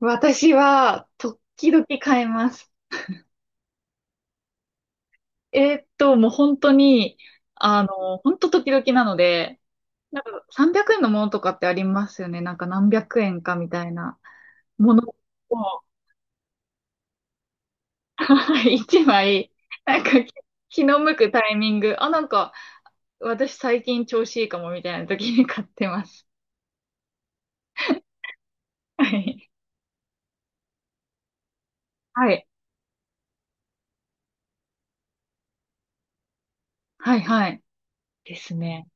私は、時々変えます。もう本当に、本当時々なので、なんか300円のものとかってありますよね。なんか何百円かみたいなものを、一枚、なんか気の向くタイミング、あ、なんか私最近調子いいかもみたいな時に買ってます。はい。はい。はい、はい。ですね。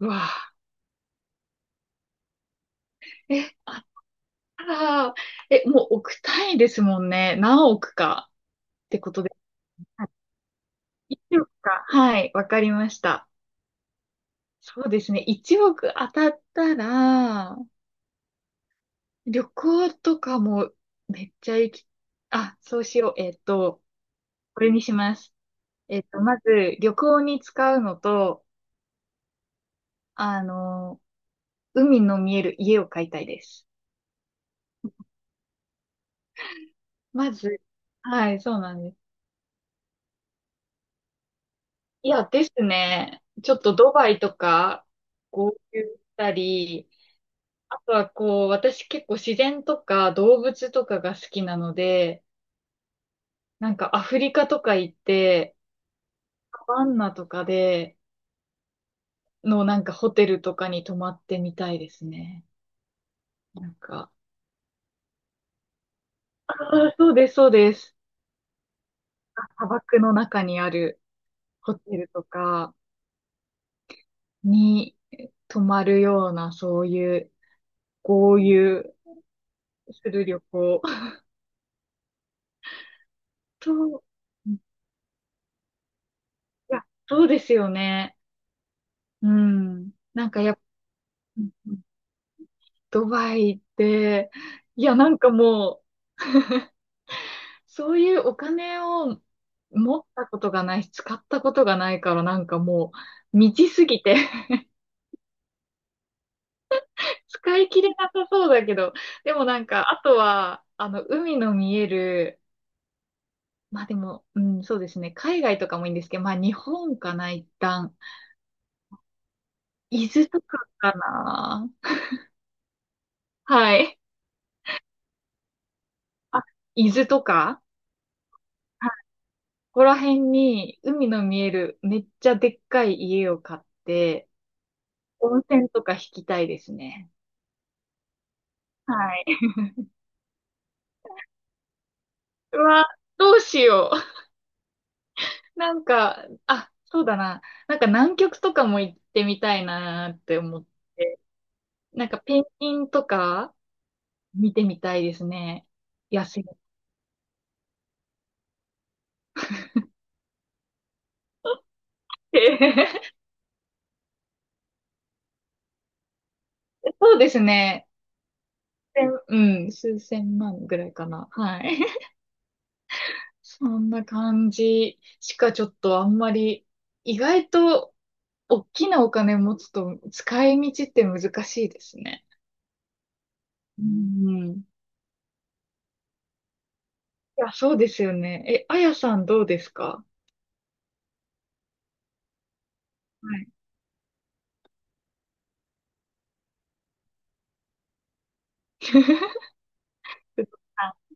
うわぁ。え、あったら、もう億単位ですもんね。何億かってことです。あ、1億か。はい、わかりました。そうですね。1億当たったら、旅行とかもめっちゃ行き、あ、そうしよう。これにします。まず、旅行に使うのと、あの、海の見える家を買いたいです。まず、はい、そうなんです。いや、ですね。ちょっとドバイとか、合流したり、あとはこう、私結構自然とか動物とかが好きなので、なんかアフリカとか行って、サバンナとかでのなんかホテルとかに泊まってみたいですね。なんか、あーそうです、そうです。砂漠の中にあるホテルとかに泊まるような、そういう豪遊する旅行。と、うん、いや、そうですよね。うん。なんかやっぱ、ドバイって、いや、なんかもう、そういうお金を持ったことがないし、使ったことがないからなんかもう、未知すぎて 使い切れなさそうだけど、でもなんか、あとは、海の見える、まあでも、うん、そうですね、海外とかもいいんですけど、まあ日本かな、一旦。伊豆とかかな。はい。あ、伊豆とか、はい、ここら辺に海の見えるめっちゃでっかい家を買って、温泉とか引きたいですね。はい。うわ、どうしよう。なんか、あ、そうだな。なんか南極とかも行ってみたいなって思って。なんかペンギンとか見てみたいですね。野生って。そうですね。うん、数千万ぐらいかな。はい。そんな感じしかちょっとあんまり、意外と大きなお金持つと使い道って難しいですね。うん。いや、そうですよね。え、あやさんどうですか？はい。 あ、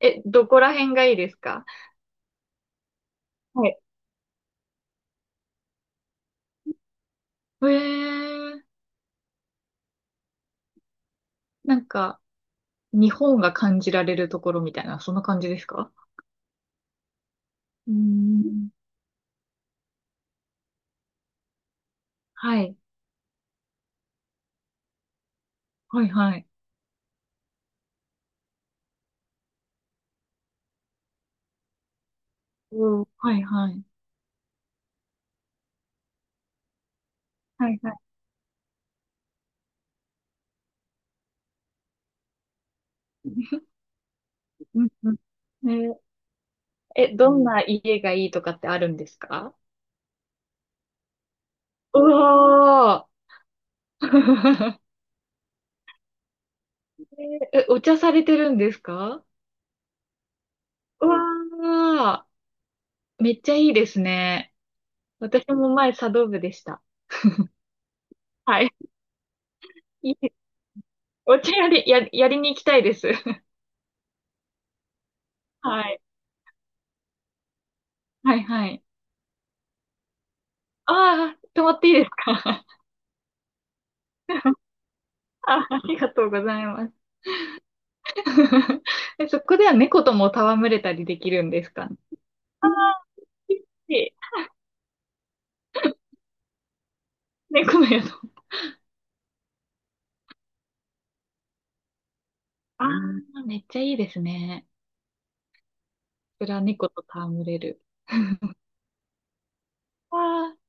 え、どこら辺がいいですか？はい。えー、なんか、日本が感じられるところみたいな、そんな感じですか？うーん。はい。はいはい。おー、はいはい。はいはい。うんうん。ね、え、どんん。な家がいいとかってあるんですか？うわー。 え、えお茶されてるんですか？うわー、めっちゃいいですね。私も前茶道部でした。はい。お茶やりに行きたいです。はい。はいはい。ああ、泊まっていいですか？ あ、ありがとうございます。え、そこでは猫とも戯れたりできるんですか？ああー、いい、いい、猫の宿。ああ、めっちゃいいですね。それは猫と戯れる。あ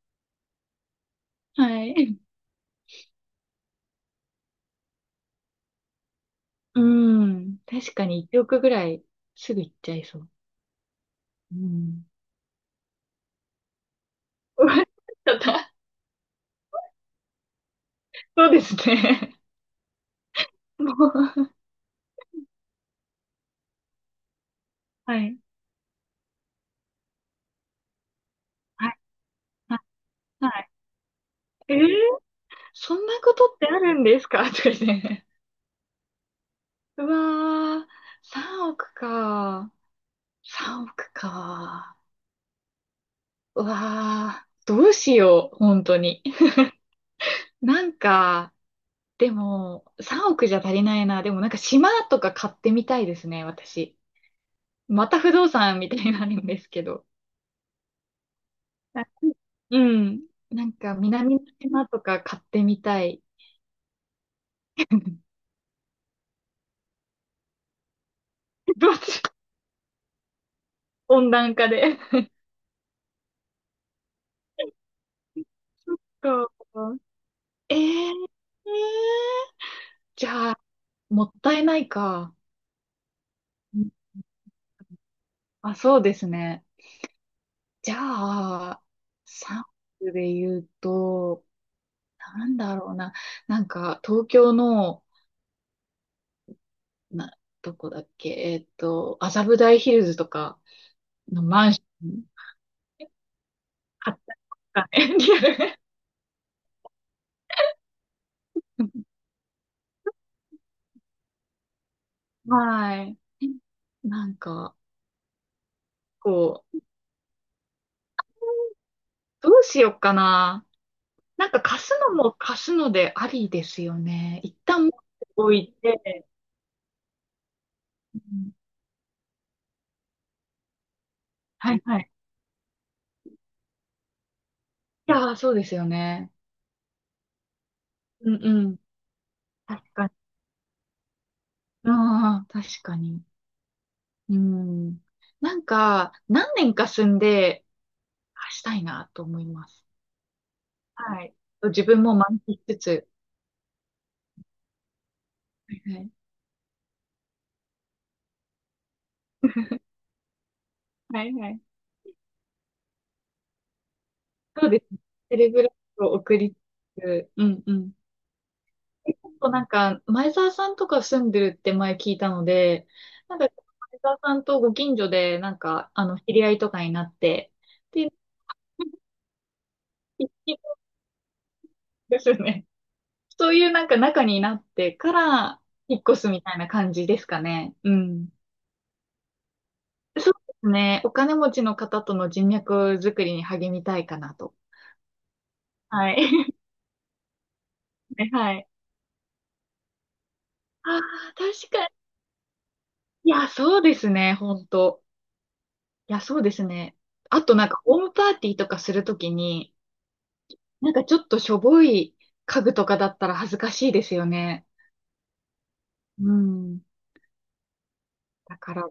あ、はい。うん。確かに1億ぐらいすぐ行っちゃいそう。うん。終わっちゃった。そうですね。もう、はい。はい。はい。はい。えー、そんなことってあるんですか？ とかって。うわー、3億か。3億か。うわー、どうしよう、本当に。なんか、でも、3億じゃ足りないな。でもなんか島とか買ってみたいですね、私。また不動産みたいになるんですけど。あ、うん。なんか南の島とか買ってみたい。どうしよう、温暖化で。そっか。えー、じゃあ、もったいないか。うん、あ、そうですね。じゃあ、3区で言うと、なんだろうな。なんか、東京の、な、どこだっけ、麻布台ヒルズとかのマンション買ったりとかね。はい。なんか、こう、どうしようかな。なんか貸すのも貸すのでありですよね。一旦持っておいて、うん、はいはい。いやー、そうですよね。うんうん。確かに。ああ、確かに。うん。なんか、何年か住んで、あしたいなと思います。はい。自分も満喫しつつ。はいはい。はいはい。そうですね。テレグラフを送りつつ。うんうん。結構なんか、前澤さんとか住んでるって前聞いたので、なんか、前澤さんとご近所で、なんか、知り合いとかになって、っていう、ですよね。そういうなんか中になってから引っ越すみたいな感じですかね。うん。そうですね。お金持ちの方との人脈作りに励みたいかなと。はい。ね、はい。ああ、確かに。いや、そうですね。本当。いや、そうですね。あとなんかホームパーティーとかするときに、なんかちょっとしょぼい家具とかだったら恥ずかしいですよね。うん。だから、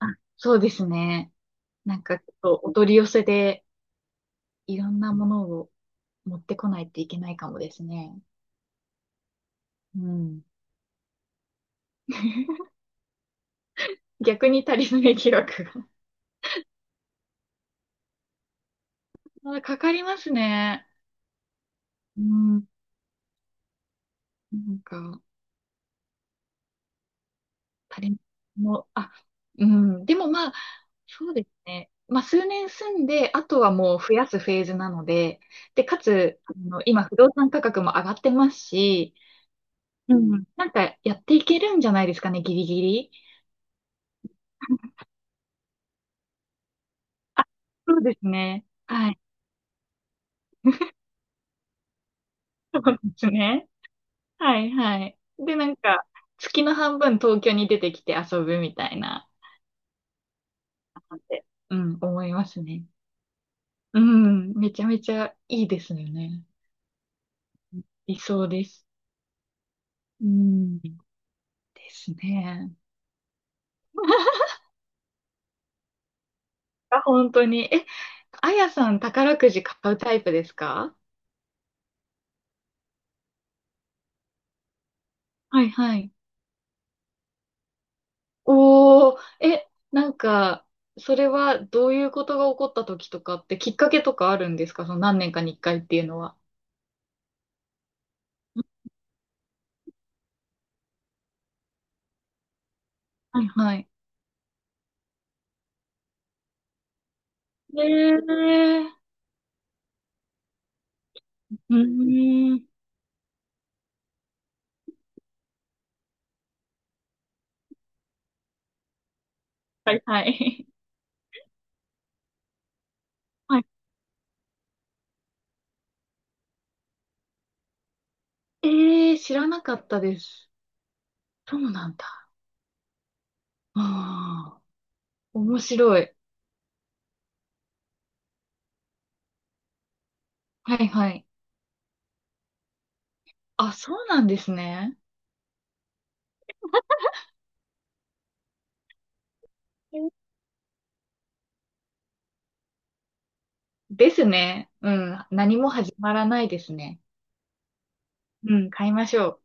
あ、そうですね。なんかちょっとお取り寄せでいろんなものを持ってこないといけないかもですね。うん。逆に足りない記録が。かかりますね。うん。なんか、足りもあ、うん。でもまあ、そうですね。まあ、数年住んで、あとはもう増やすフェーズなので、で、かつ、今、不動産価格も上がってますし、うん。なんか、やっていけるんじゃないですかね、ギリギリ。あ、そうですね。はい。そうですね。はいはい。で、なんか、月の半分東京に出てきて遊ぶみたいな、って、うん、思いますね。うん、めちゃめちゃいいですよね。理想です。うん、ですね。あ、本当に。え、あやさん宝くじ買うタイプですか？はいはい。おー、え、なんか、それはどういうことが起こった時とかってきっかけとかあるんですか？その何年かに一回っていうのは。はいはい。えー、うーん。はい、はい。はい。ええー、知らなかったです。そうなんだ。ああ、面白い。はい、はい。あ、そうなんですね。ですね。うん。何も始まらないですね。うん、買いましょう。